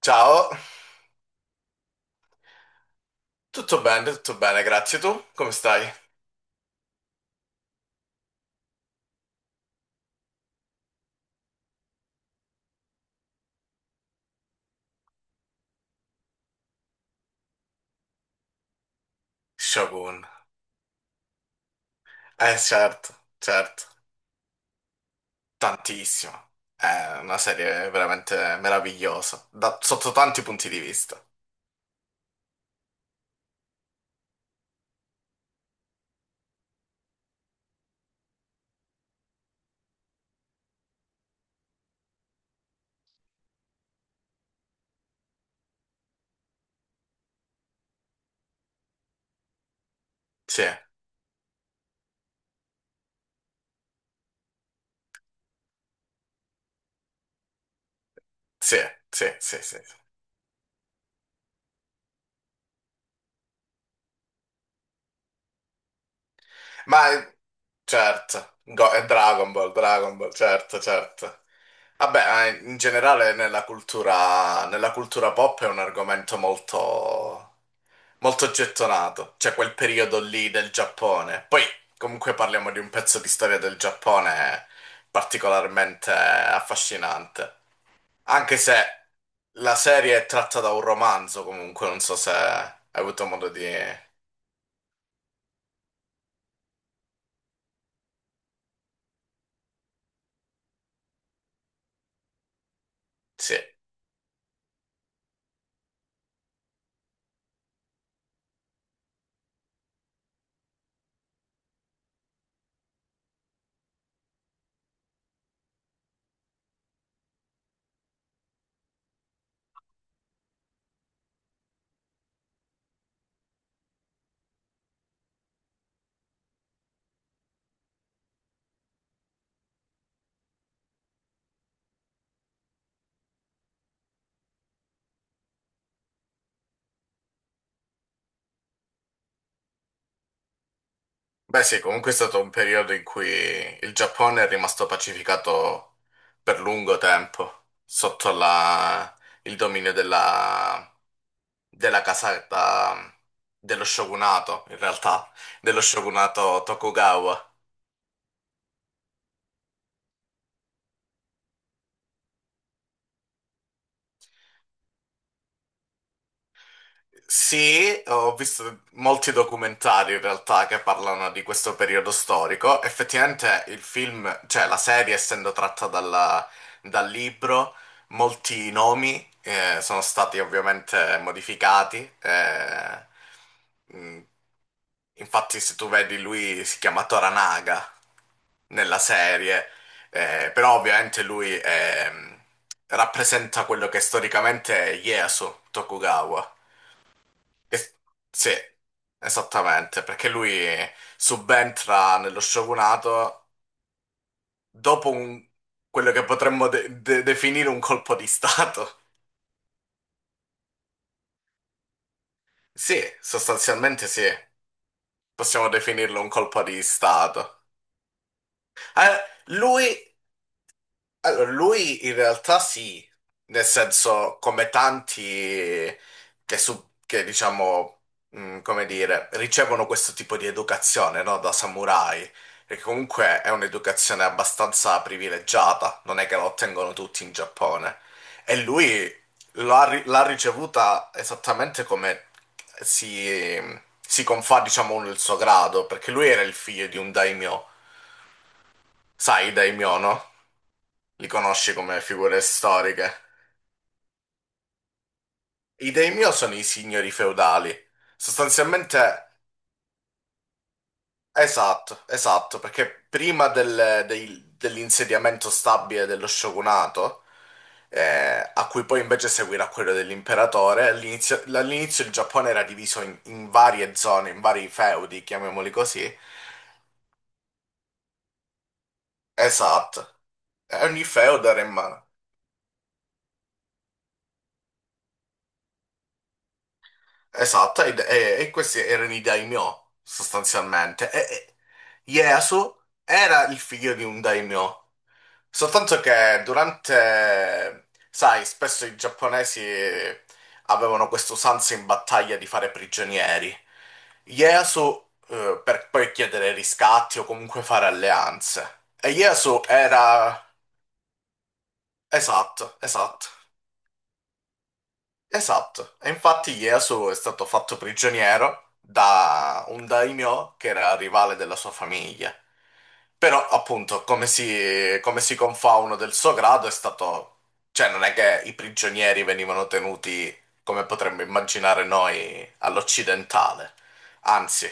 Ciao, tutto bene, grazie. Tu come stai? Shogun. Eh certo, certo, tantissimo. È una serie veramente meravigliosa, sotto tanti punti di vista. Sì, sì, sì, sì, sì. Ma certo, Dragon Ball, Dragon Ball, certo, certo. Vabbè, ma in generale nella cultura pop è un argomento molto molto gettonato, cioè quel periodo lì del Giappone. Poi comunque parliamo di un pezzo di storia del Giappone particolarmente affascinante, anche se la serie è tratta da un romanzo comunque, non so se hai avuto modo di. Sì. Beh sì, comunque è stato un periodo in cui il Giappone è rimasto pacificato per lungo tempo sotto il dominio della casata dello shogunato, in realtà, dello shogunato Tokugawa. Sì, ho visto molti documentari in realtà che parlano di questo periodo storico. Effettivamente il film, cioè la serie essendo tratta dal libro, molti nomi sono stati ovviamente modificati. Mh, Infatti se tu vedi lui si chiama Toranaga nella serie, però ovviamente lui rappresenta quello che storicamente è Ieyasu Tokugawa. Es- sì, esattamente, perché lui subentra nello shogunato dopo quello che potremmo definire un colpo di stato. Sì, sostanzialmente sì, possiamo definirlo un colpo di stato. Eh, lui Allora, lui in realtà sì, nel senso come tanti che, diciamo, come dire, ricevono questo tipo di educazione, no, da samurai, perché comunque è un'educazione abbastanza privilegiata, non è che la ottengono tutti in Giappone. E lui l'ha ricevuta esattamente come si, si confà, diciamo, il suo grado, perché lui era il figlio di un daimyo, sai, i daimyo, no? Li conosci come figure storiche. I dei mio sono i signori feudali. Sostanzialmente, esatto, esatto, perché prima dell'insediamento stabile dello shogunato, a cui poi invece seguirà quello dell'imperatore, all'inizio il Giappone era diviso in varie zone, in vari feudi, chiamiamoli così. Esatto. E ogni feudo era in mano. Esatto, e questi erano i daimyo, sostanzialmente. E Ieyasu era il figlio di un daimyo, soltanto che durante, sai, spesso i giapponesi avevano questa usanza in battaglia di fare prigionieri. Ieyasu, per poi chiedere riscatti o comunque fare alleanze. E Ieyasu era. Esatto, esatto. Esatto, e infatti Ieyasu è stato fatto prigioniero da un daimyo che era rivale della sua famiglia. Però, appunto, come si confà uno del suo grado è stato. Cioè, non è che i prigionieri venivano tenuti come potremmo immaginare noi all'occidentale. Anzi.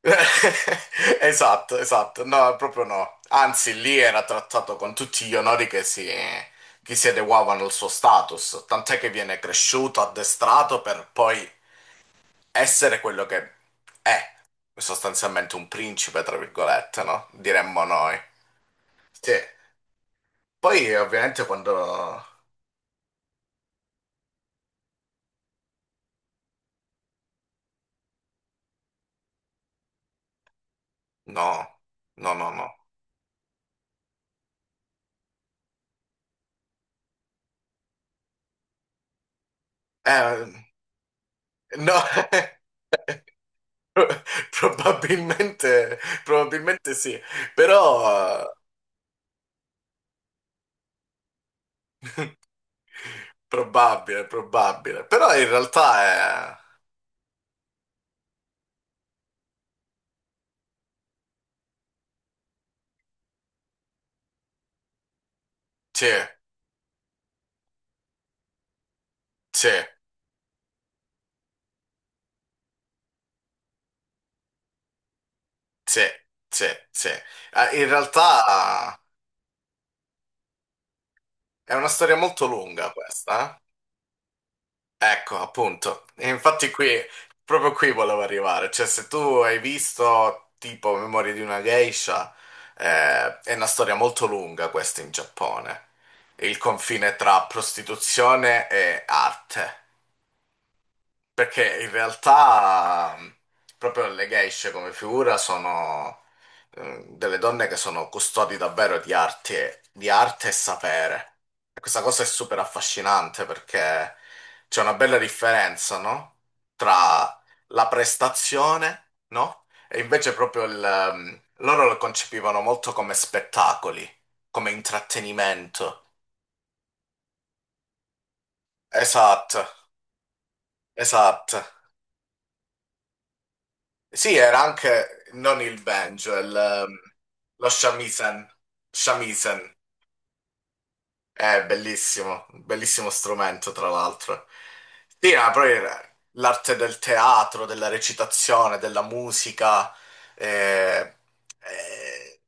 Esatto, esatto, no, proprio no. Anzi, lì era trattato con tutti gli onori che si adeguavano al suo status, tant'è che viene cresciuto, addestrato per poi essere quello che è, sostanzialmente un principe, tra virgolette, no? Diremmo noi. Sì. Poi, ovviamente, quando. No, no, no, no. Eh, no, probabilmente sì, però. Probabile, probabile. Però in realtà è. Sì, sì, sì, sì, sì. In realtà è una storia molto lunga questa. Eh? Ecco, appunto. E infatti qui, proprio qui volevo arrivare. Cioè, se tu hai visto tipo Memorie di una geisha, è una storia molto lunga questa in Giappone. Il confine tra prostituzione e arte. Perché in realtà proprio le geishe come figura sono delle donne che sono custodi davvero di arte e sapere. E questa cosa è super affascinante perché c'è una bella differenza, no? Tra la prestazione, no? E invece proprio loro lo concepivano molto come spettacoli, come intrattenimento. Esatto, esatto. Sì, era anche non il banjo, lo shamisen. Shamisen è bellissimo, un bellissimo strumento tra l'altro. Sì, ma poi era l'arte del teatro, della recitazione, della musica, eh, eh,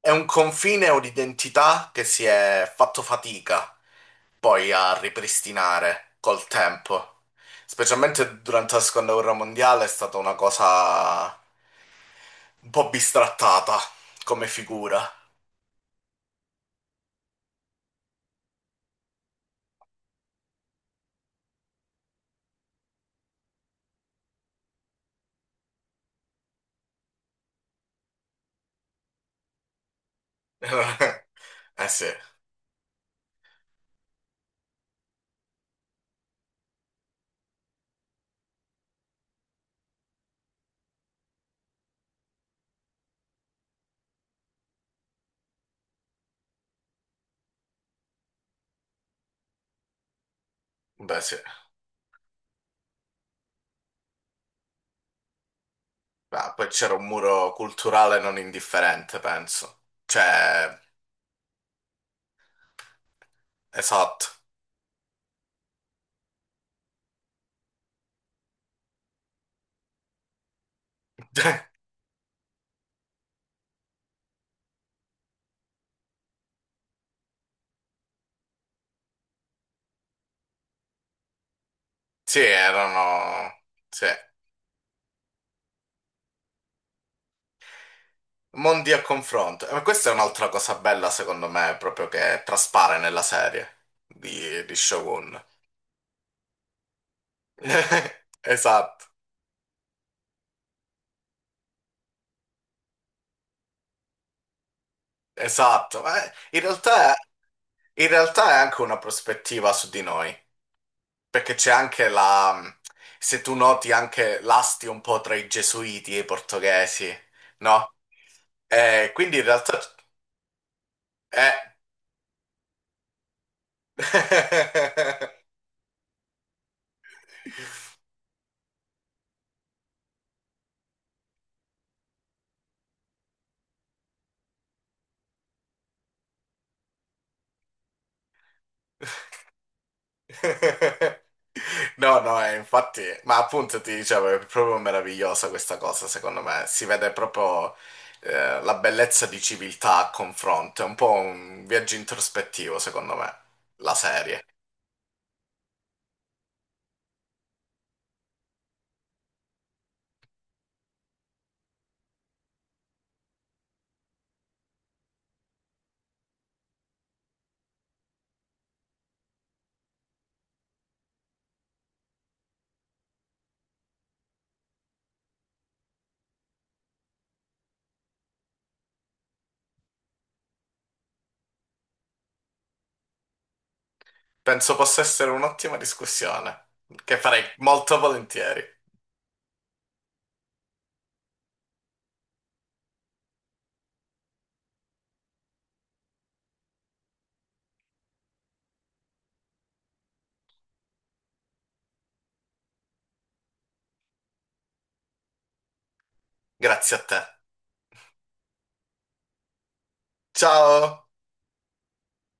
è un confine o un'identità che si è fatto fatica poi a ripristinare col tempo. Specialmente durante la seconda guerra mondiale è stata una cosa un po' bistrattata come figura. Eh sì. Beh, poi c'era un muro culturale non indifferente, penso. Cioè, esatto. Sì, erano. Sì. Mondi a confronto. Ma questa è un'altra cosa bella, secondo me, proprio che traspare nella serie di Shogun. Esatto, esatto. Ma in realtà, in realtà è anche una prospettiva su di noi. Perché c'è anche la. Se tu noti anche l'asti un po' tra i gesuiti e i portoghesi, no? Quindi in realtà. Eh... No, no, infatti. Ma appunto ti dicevo, è proprio meravigliosa questa cosa, secondo me. Si vede proprio la bellezza di civiltà a confronto. È un po' un viaggio introspettivo, secondo me, la serie. Penso possa essere un'ottima discussione, che farei molto volentieri. Grazie a te. Ciao.